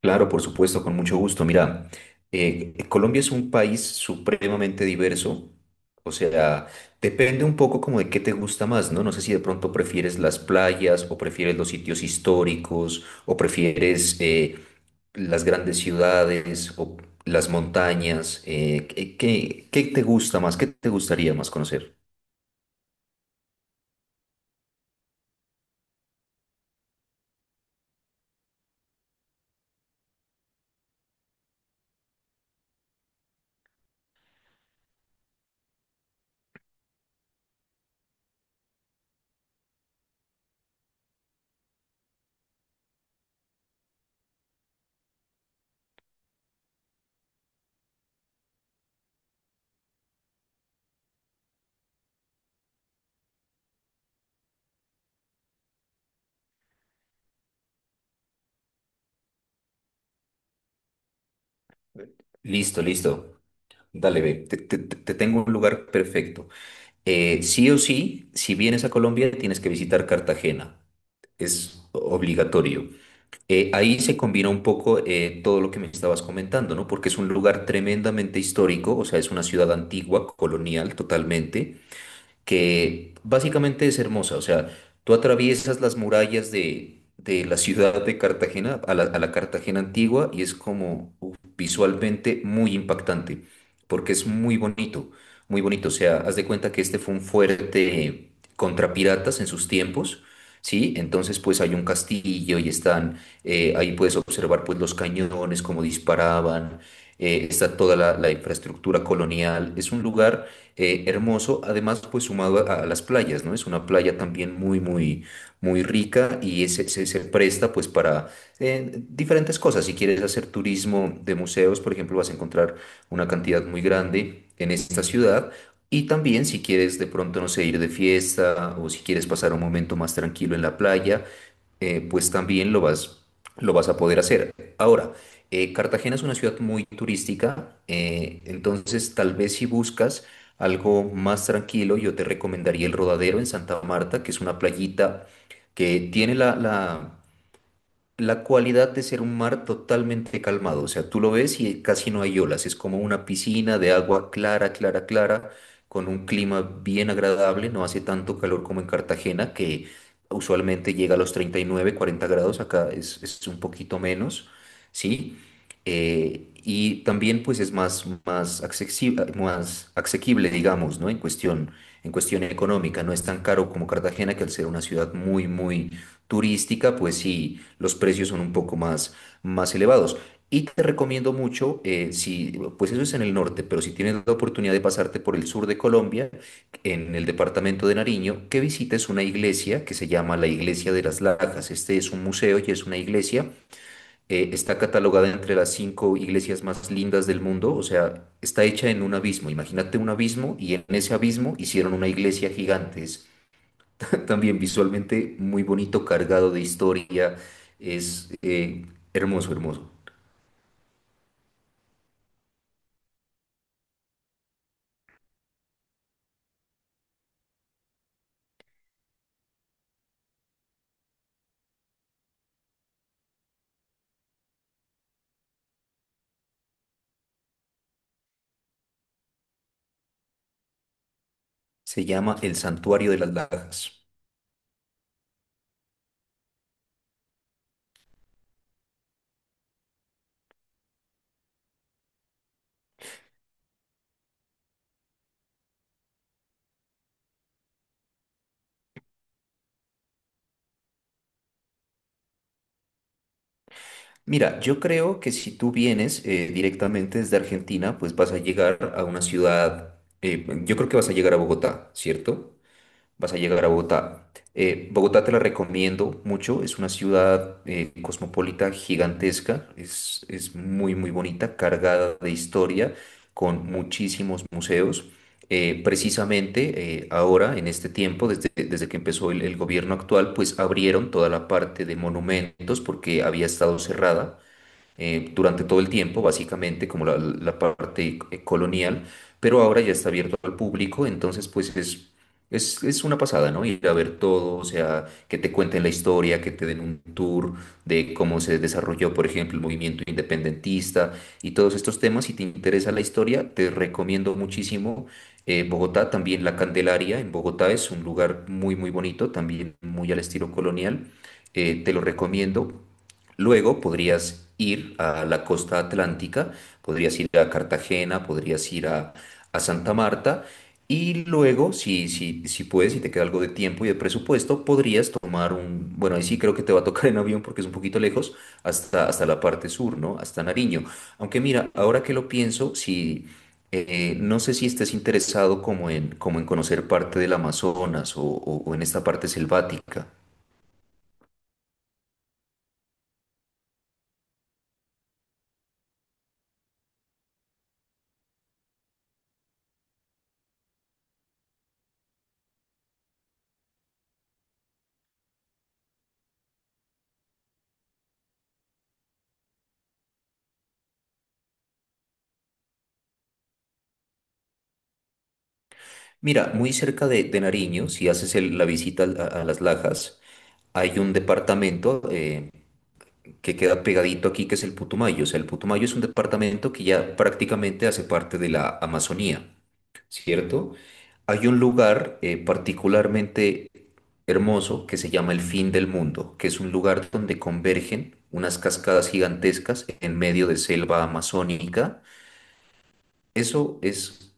Claro, por supuesto, con mucho gusto. Mira, Colombia es un país supremamente diverso, o sea, depende un poco como de qué te gusta más, ¿no? No sé si de pronto prefieres las playas o prefieres los sitios históricos o prefieres las grandes ciudades o las montañas. ¿Qué, qué te gusta más? ¿Qué te gustaría más conocer? Listo, listo. Dale, ve. Te tengo un lugar perfecto. Sí o sí, si vienes a Colombia, tienes que visitar Cartagena. Es obligatorio. Ahí se combina un poco todo lo que me estabas comentando, ¿no? Porque es un lugar tremendamente histórico, o sea, es una ciudad antigua, colonial totalmente que básicamente es hermosa. O sea, tú atraviesas las murallas de la ciudad de Cartagena a a la Cartagena antigua y es como uf, visualmente muy impactante, porque es muy bonito, muy bonito. O sea, haz de cuenta que este fue un fuerte contra piratas en sus tiempos. Sí, entonces pues hay un castillo y están, ahí puedes observar pues los cañones, cómo disparaban, está toda la infraestructura colonial. Es un lugar hermoso, además pues sumado a las playas, ¿no? Es una playa también muy, muy, muy rica y se, se presta pues para diferentes cosas. Si quieres hacer turismo de museos, por ejemplo, vas a encontrar una cantidad muy grande en esta ciudad. Y también si quieres de pronto, no sé, ir de fiesta o si quieres pasar un momento más tranquilo en la playa, pues también lo vas a poder hacer. Ahora, Cartagena es una ciudad muy turística, entonces tal vez si buscas algo más tranquilo, yo te recomendaría el Rodadero en Santa Marta, que es una playita que tiene la cualidad de ser un mar totalmente calmado. O sea, tú lo ves y casi no hay olas. Es como una piscina de agua clara, clara, clara, con un clima bien agradable. No hace tanto calor como en Cartagena, que usualmente llega a los 39-40 grados. Acá es un poquito menos, ¿sí? Y también pues es más, más accesible, más asequible, digamos, ¿no? En cuestión económica. No es tan caro como Cartagena, que al ser una ciudad muy, muy turística, pues sí, los precios son un poco más, más elevados. Y te recomiendo mucho, si, pues eso es en el norte, pero si tienes la oportunidad de pasarte por el sur de Colombia, en el departamento de Nariño, que visites una iglesia que se llama la Iglesia de las Lajas. Este es un museo y es una iglesia. Está catalogada entre las 5 iglesias más lindas del mundo, o sea, está hecha en un abismo. Imagínate un abismo y en ese abismo hicieron una iglesia gigante. También visualmente muy bonito, cargado de historia. Es hermoso, hermoso. Se llama El Santuario de las Lajas. Mira, yo creo que si tú vienes directamente desde Argentina, pues vas a llegar a una ciudad, yo creo que vas a llegar a Bogotá, ¿cierto? Vas a llegar a Bogotá. Bogotá te la recomiendo mucho, es una ciudad cosmopolita gigantesca, es muy muy bonita, cargada de historia, con muchísimos museos. Precisamente ahora, en este tiempo, desde que empezó el gobierno actual, pues abrieron toda la parte de monumentos porque había estado cerrada durante todo el tiempo, básicamente, como la parte colonial, pero ahora ya está abierto al público, entonces pues es una pasada, ¿no? Ir a ver todo, o sea, que te cuenten la historia, que te den un tour de cómo se desarrolló, por ejemplo, el movimiento independentista y todos estos temas. Si te interesa la historia, te recomiendo muchísimo. Bogotá, también La Candelaria en Bogotá es un lugar muy, muy bonito, también muy al estilo colonial. Te lo recomiendo. Luego podrías ir a la costa atlántica, podrías ir a Cartagena, podrías ir a Santa Marta y luego, si, si, si puedes, si te queda algo de tiempo y de presupuesto, podrías tomar un, bueno, ahí sí creo que te va a tocar en avión porque es un poquito lejos, hasta, hasta la parte sur, ¿no? Hasta Nariño. Aunque mira, ahora que lo pienso, si... no sé si estés interesado como en, como en conocer parte del Amazonas o o en esta parte selvática. Mira, muy cerca de Nariño, si haces la visita a Las Lajas, hay un departamento que queda pegadito aquí, que es el Putumayo. O sea, el Putumayo es un departamento que ya prácticamente hace parte de la Amazonía, ¿cierto? Hay un lugar particularmente hermoso que se llama El Fin del Mundo, que es un lugar donde convergen unas cascadas gigantescas en medio de selva amazónica. Eso es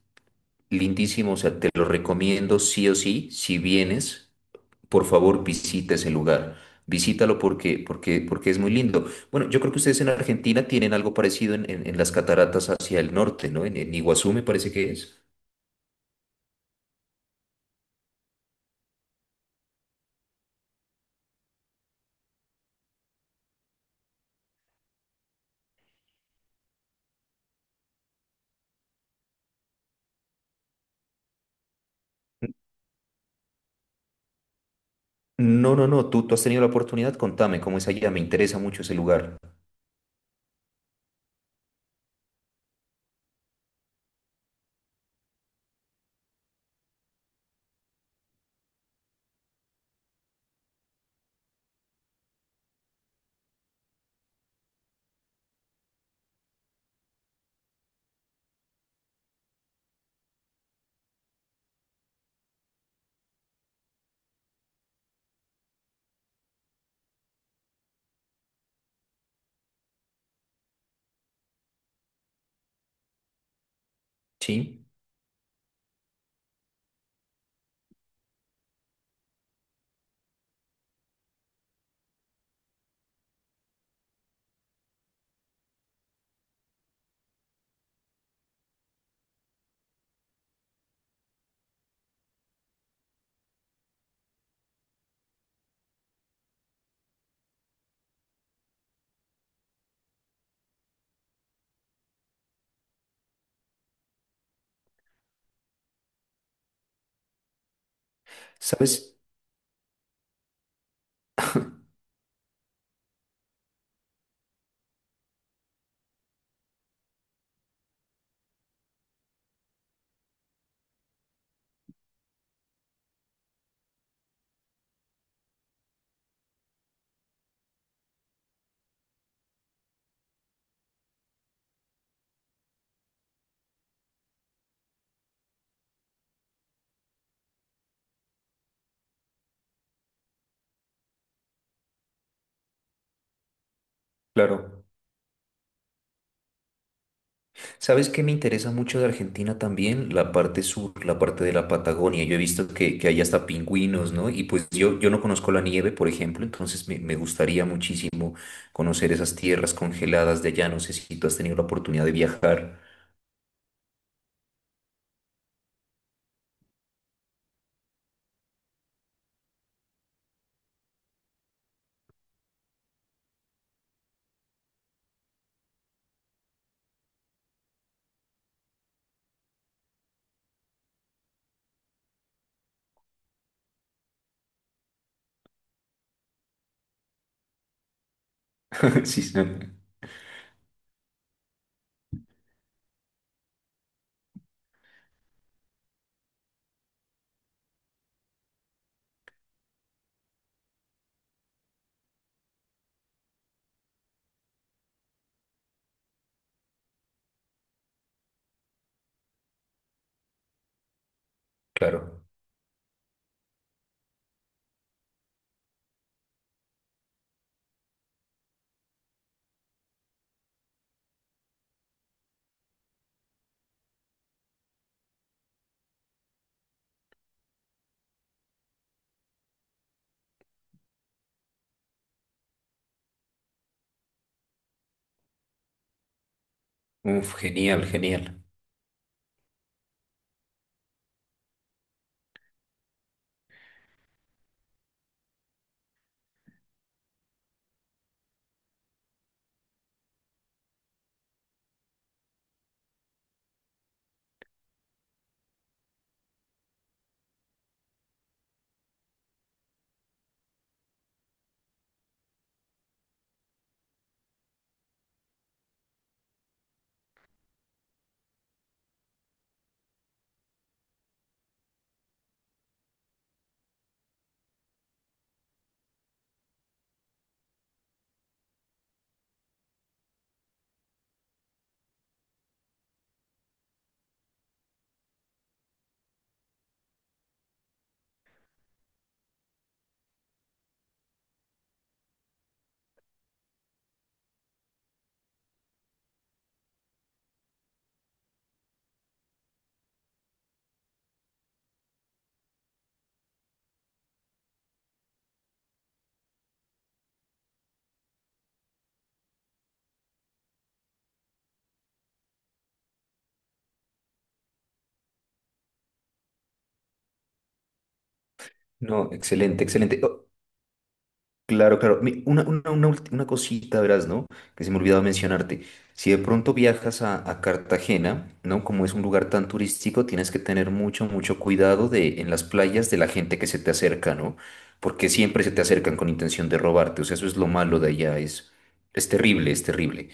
lindísimo, o sea, te lo recomiendo sí o sí, si vienes. Por favor, visita ese lugar. Visítalo porque, porque, porque es muy lindo. Bueno, yo creo que ustedes en Argentina tienen algo parecido en, en las cataratas hacia el norte, ¿no? En Iguazú me parece que es. No, no, no, tú has tenido la oportunidad, contame cómo es allá, me interesa mucho ese lugar. ¿Sí? ¿Sabes? Claro. ¿Sabes qué me interesa mucho de Argentina también? La parte sur, la parte de la Patagonia. Yo he visto que hay hasta pingüinos, ¿no? Y pues yo no conozco la nieve, por ejemplo, entonces me gustaría muchísimo conocer esas tierras congeladas de allá. No sé si tú has tenido la oportunidad de viajar. Sí, sí, claro. Uf, genial, genial. No, excelente, excelente. Claro, claro. Una, una cosita, verás, ¿no? Que se me ha olvidado mencionarte. Si de pronto viajas a Cartagena, ¿no? Como es un lugar tan turístico, tienes que tener mucho, mucho cuidado de, en las playas de la gente que se te acerca, ¿no? Porque siempre se te acercan con intención de robarte. O sea, eso es lo malo de allá. Es terrible, es terrible.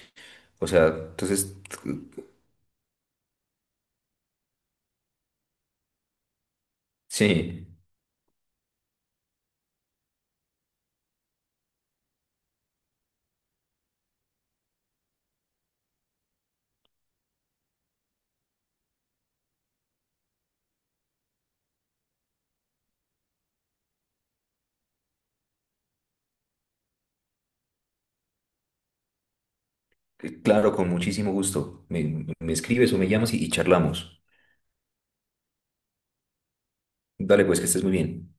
O sea, entonces, sí, claro, con muchísimo gusto. Me escribes o me llamas y charlamos. Dale, pues, que estés muy bien.